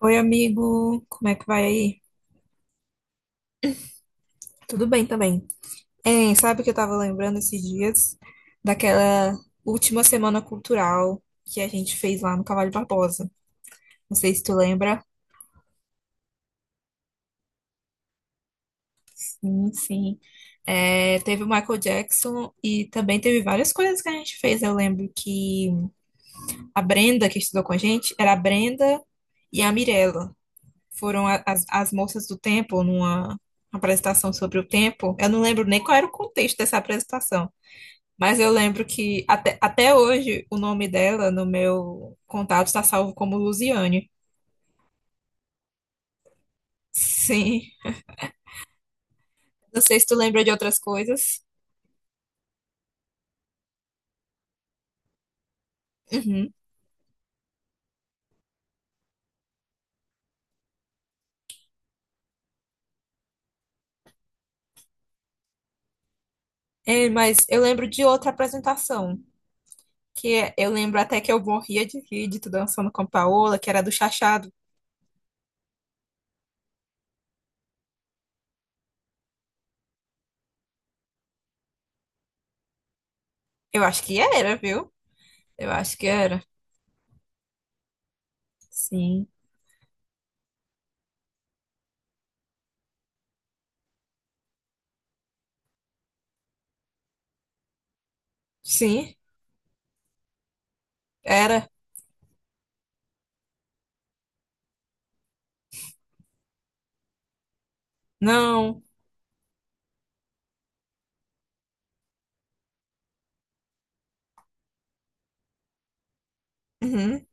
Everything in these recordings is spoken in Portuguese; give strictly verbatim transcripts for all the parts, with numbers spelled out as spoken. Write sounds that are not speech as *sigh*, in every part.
Oi, amigo, como é que vai aí? Tudo bem também. Hein, sabe que eu tava lembrando esses dias daquela última semana cultural que a gente fez lá no Cavalho Barbosa. Não sei se tu lembra. Sim, sim. É, teve o Michael Jackson e também teve várias coisas que a gente fez. Eu lembro que a Brenda, que estudou com a gente, era a Brenda e a Mirella. Foram a- as, as moças do tempo numa apresentação sobre o tempo. Eu não lembro nem qual era o contexto dessa apresentação. Mas eu lembro que até, até hoje o nome dela no meu contato está salvo como Lusiane. Sim. Não sei se tu lembra de outras coisas. Uhum. É, mas eu lembro de outra apresentação, que é- eu lembro até que eu morria de rir de tu dançando com a Paola, que era do Chachado. Eu acho que era, viu? Eu acho que era. Sim. Sim, era. Não. Uhum.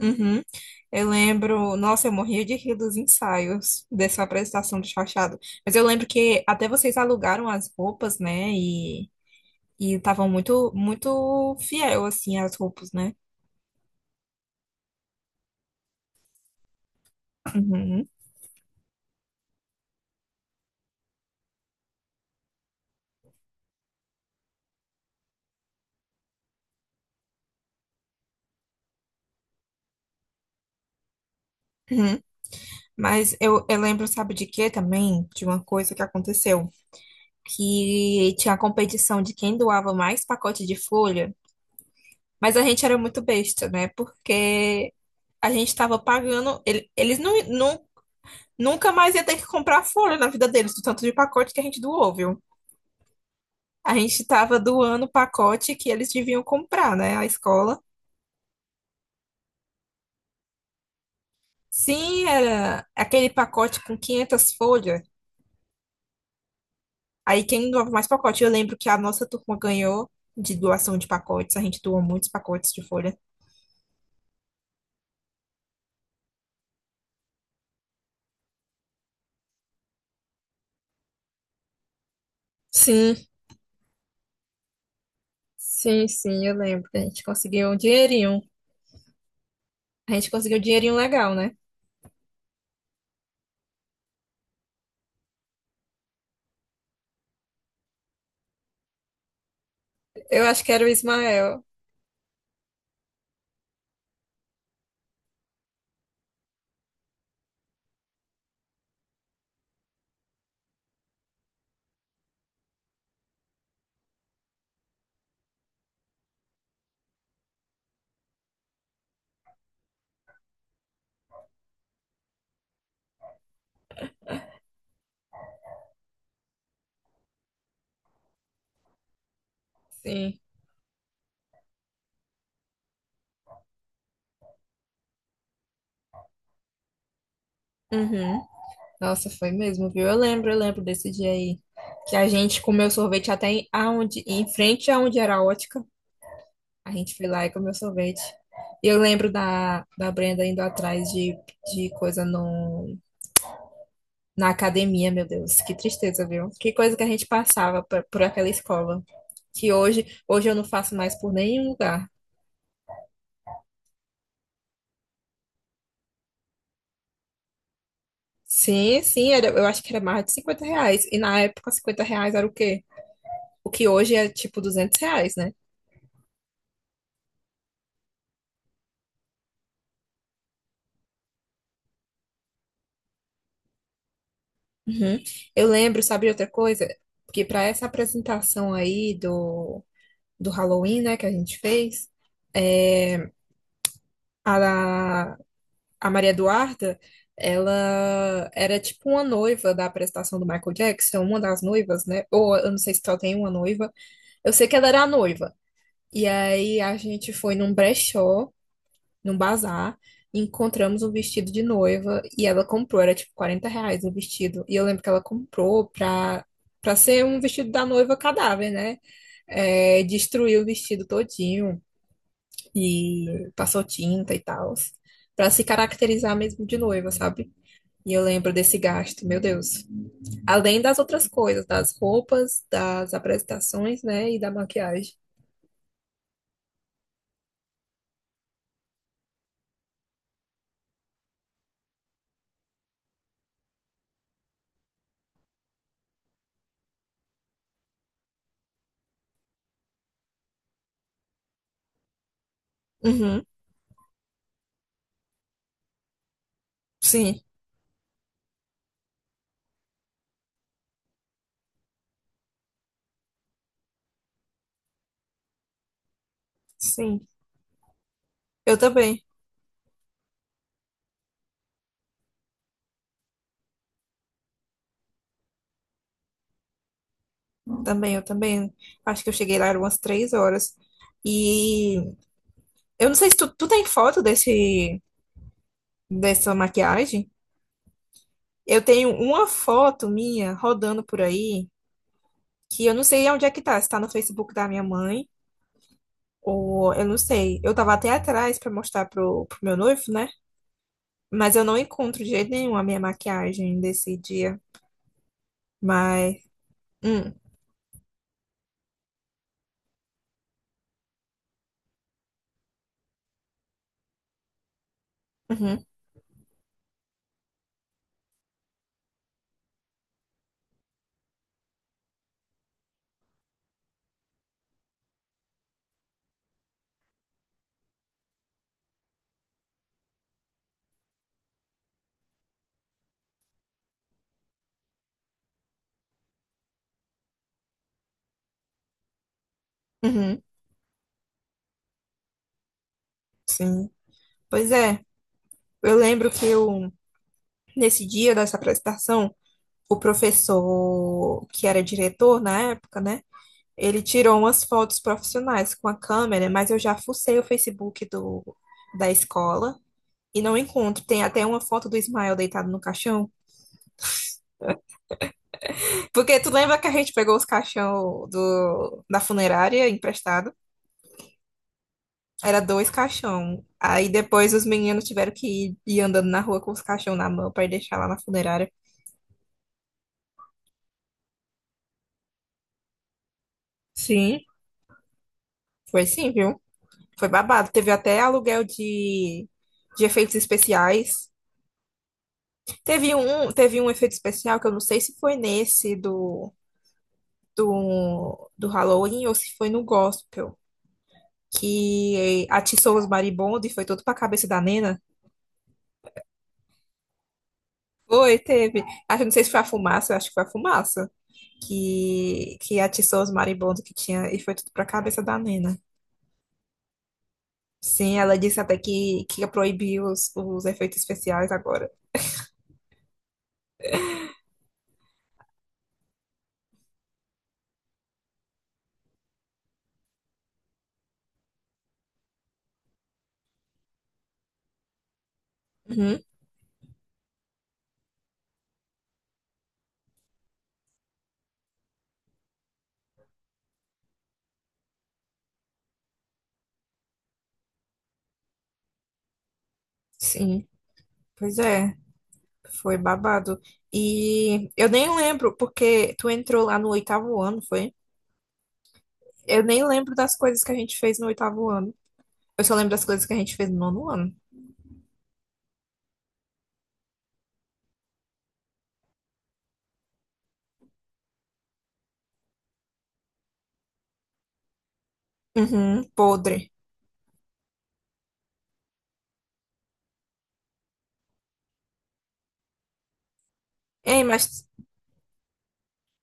Uhum. Eu lembro, nossa, eu morria de rir dos ensaios dessa apresentação de Chachado. Mas eu lembro que até vocês alugaram as roupas, né? E e estavam muito muito fiel assim às roupas, né? Uhum. Uhum. Mas eu, eu lembro, sabe de quê também? De uma coisa que aconteceu, que tinha a competição de quem doava mais pacote de folha, mas a gente era muito besta, né? Porque a gente estava pagando, ele- eles não, não nunca mais ia ter que comprar folha na vida deles, do tanto de pacote que a gente doou, viu? A gente estava doando o pacote que eles deviam comprar, né? A escola. Sim, era aquele pacote com quinhentas folhas. Aí quem doava mais pacote? Eu lembro que a nossa turma ganhou de doação de pacotes. A gente doou muitos pacotes de folha. Sim, sim, sim, eu lembro que a gente conseguiu um dinheirinho. A gente conseguiu um dinheirinho legal, né? Eu acho que era o Ismael. Sim. Uhum. Nossa, foi mesmo, viu? Eu lembro, eu lembro desse dia aí. Que a gente comeu sorvete até em, aonde, em frente aonde era a ótica. A gente foi lá e comeu sorvete. E eu lembro da, da Brenda indo atrás de, de coisa no, na academia, meu Deus. Que tristeza, viu? Que coisa que a gente passava por, por aquela escola. Que hoje, hoje eu não faço mais por nenhum lugar. Sim, sim, era, eu acho que era mais de cinquenta reais. E na época, cinquenta reais era o quê? O que hoje é tipo duzentos reais, né? Uhum. Eu lembro, sabe, de outra coisa? Porque para essa apresentação aí do, do Halloween, né, que a gente fez, é, a, a Maria Eduarda, ela era tipo uma noiva da apresentação do Michael Jackson, uma das noivas, né? Ou eu não sei se só tem uma noiva. Eu sei que ela era a noiva. E aí a gente foi num brechó num bazar, e encontramos um vestido de noiva e ela comprou, era tipo quarenta reais o vestido. E eu lembro que ela comprou pra, pra ser um vestido da noiva cadáver, né? É, destruiu o vestido todinho e passou tinta e tal, pra se caracterizar mesmo de noiva, sabe? E eu lembro desse gasto, meu Deus. Além das outras coisas, das roupas, das apresentações, né, e da maquiagem. Uhum, sim, sim. Eu também. Também, eu também. Acho que eu cheguei lá eram umas três horas. E eu não sei se tu, tu tem foto desse, dessa maquiagem. Eu tenho uma foto minha rodando por aí, que eu não sei onde é que tá. Se tá no Facebook da minha mãe, ou eu não sei. Eu tava até atrás pra mostrar pro, pro meu noivo, né? Mas eu não encontro de jeito nenhum a minha maquiagem desse dia. Mas. Hum, uhum, uhum, sim. Pois é, eu lembro que eu, nesse dia dessa apresentação. O professor que era diretor na época, né? Ele tirou umas fotos profissionais com a câmera, mas eu já fucei o Facebook do, da escola e não encontro. Tem até uma foto do Ismael deitado no caixão. *laughs* Porque tu lembra que a gente pegou os caixão do, da funerária emprestado? Era dois caixão. Aí depois os meninos tiveram que ir, ir andando na rua com os caixão na mão para deixar lá na funerária. Sim, foi sim, viu? Foi babado. Teve até aluguel de, de efeitos especiais. Teve um, teve um efeito especial que eu não sei se foi nesse do, do, do Halloween ou se foi no Gospel, que atiçou os marimbondos e foi todo pra cabeça da Nena. Foi, teve. Acho, não sei se foi a fumaça, eu acho que foi a fumaça que, que atiçou os marimbondos que tinha e foi tudo pra cabeça da Nena. Sim, ela disse até que, que ia proibir os, os efeitos especiais agora. Uhum, sim, pois é. Foi babado. E eu nem lembro, porque tu entrou lá no oitavo ano, foi? Eu nem lembro das coisas que a gente fez no oitavo ano. Eu só lembro das coisas que a gente fez no nono ano. Uhum, podre. Ei, mas,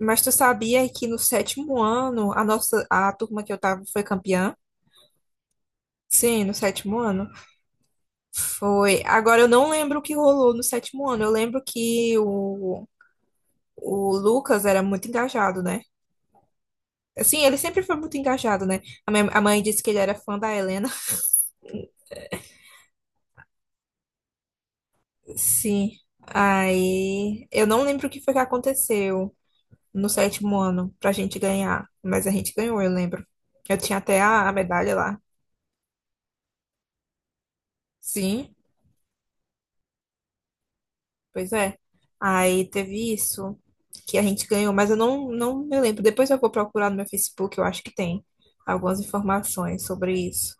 mas tu sabia que no sétimo ano, a nossa, a turma que eu tava foi campeã? Sim, no sétimo ano. Foi. Agora eu não lembro o que rolou no sétimo ano. Eu lembro que o, o Lucas era muito engajado, né? Sim, ele sempre foi muito engajado, né? A minha- a mãe disse que ele era fã da Helena. Sim. Aí, eu não lembro o que foi que aconteceu no sétimo ano pra gente ganhar, mas a gente ganhou, eu lembro. Eu tinha até a, a medalha lá. Sim, pois é. Aí teve isso que a gente ganhou, mas eu não, não me lembro. Depois eu vou procurar no meu Facebook, eu acho que tem algumas informações sobre isso.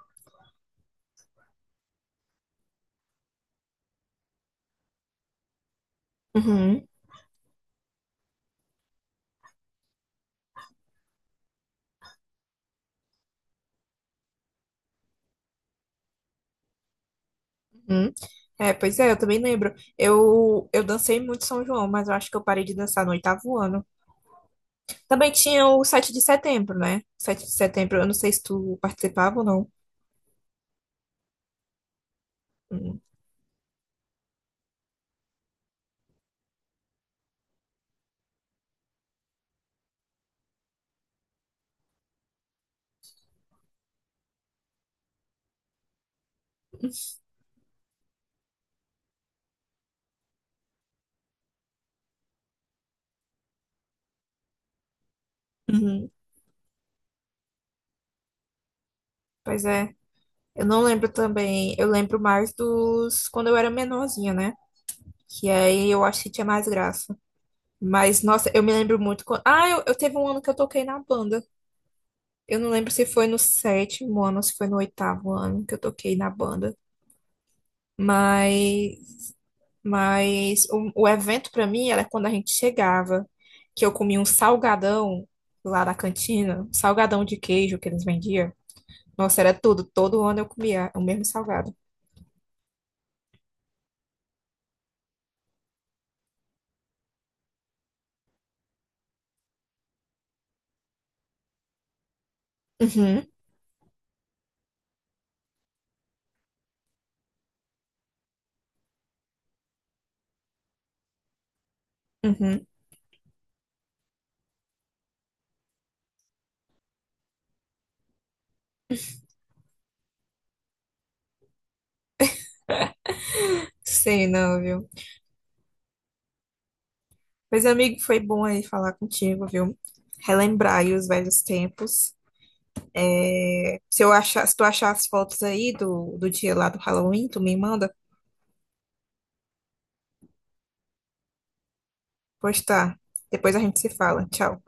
Uhum. Hum. É, pois é, eu também lembro. Eu, eu dancei muito São João, mas eu acho que eu parei de dançar no oitavo ano. Também tinha o sete de setembro, né? sete de setembro, eu não sei se tu participava ou não. Hum. Uhum. Pois é, eu não lembro também. Eu lembro mais dos quando eu era menorzinha, né? Que aí eu acho que tinha mais graça. Mas, nossa, eu me lembro muito. Quando. Ah, eu, eu teve um ano que eu toquei na banda. Eu não lembro se foi no sétimo ano ou se foi no oitavo ano que eu toquei na banda, mas, mas o, o evento pra mim era quando a gente chegava, que eu comia um salgadão lá na cantina, um salgadão de queijo que eles vendiam. Nossa, era tudo, todo ano eu comia o mesmo salgado. Uhum, uhum. Sei não, viu? Mas, amigo, foi bom aí falar contigo, viu? Relembrar aí os velhos tempos. É, se eu achar, se tu achar as fotos aí do, do dia lá do Halloween, tu me manda. Pois tá. Depois a gente se fala. Tchau.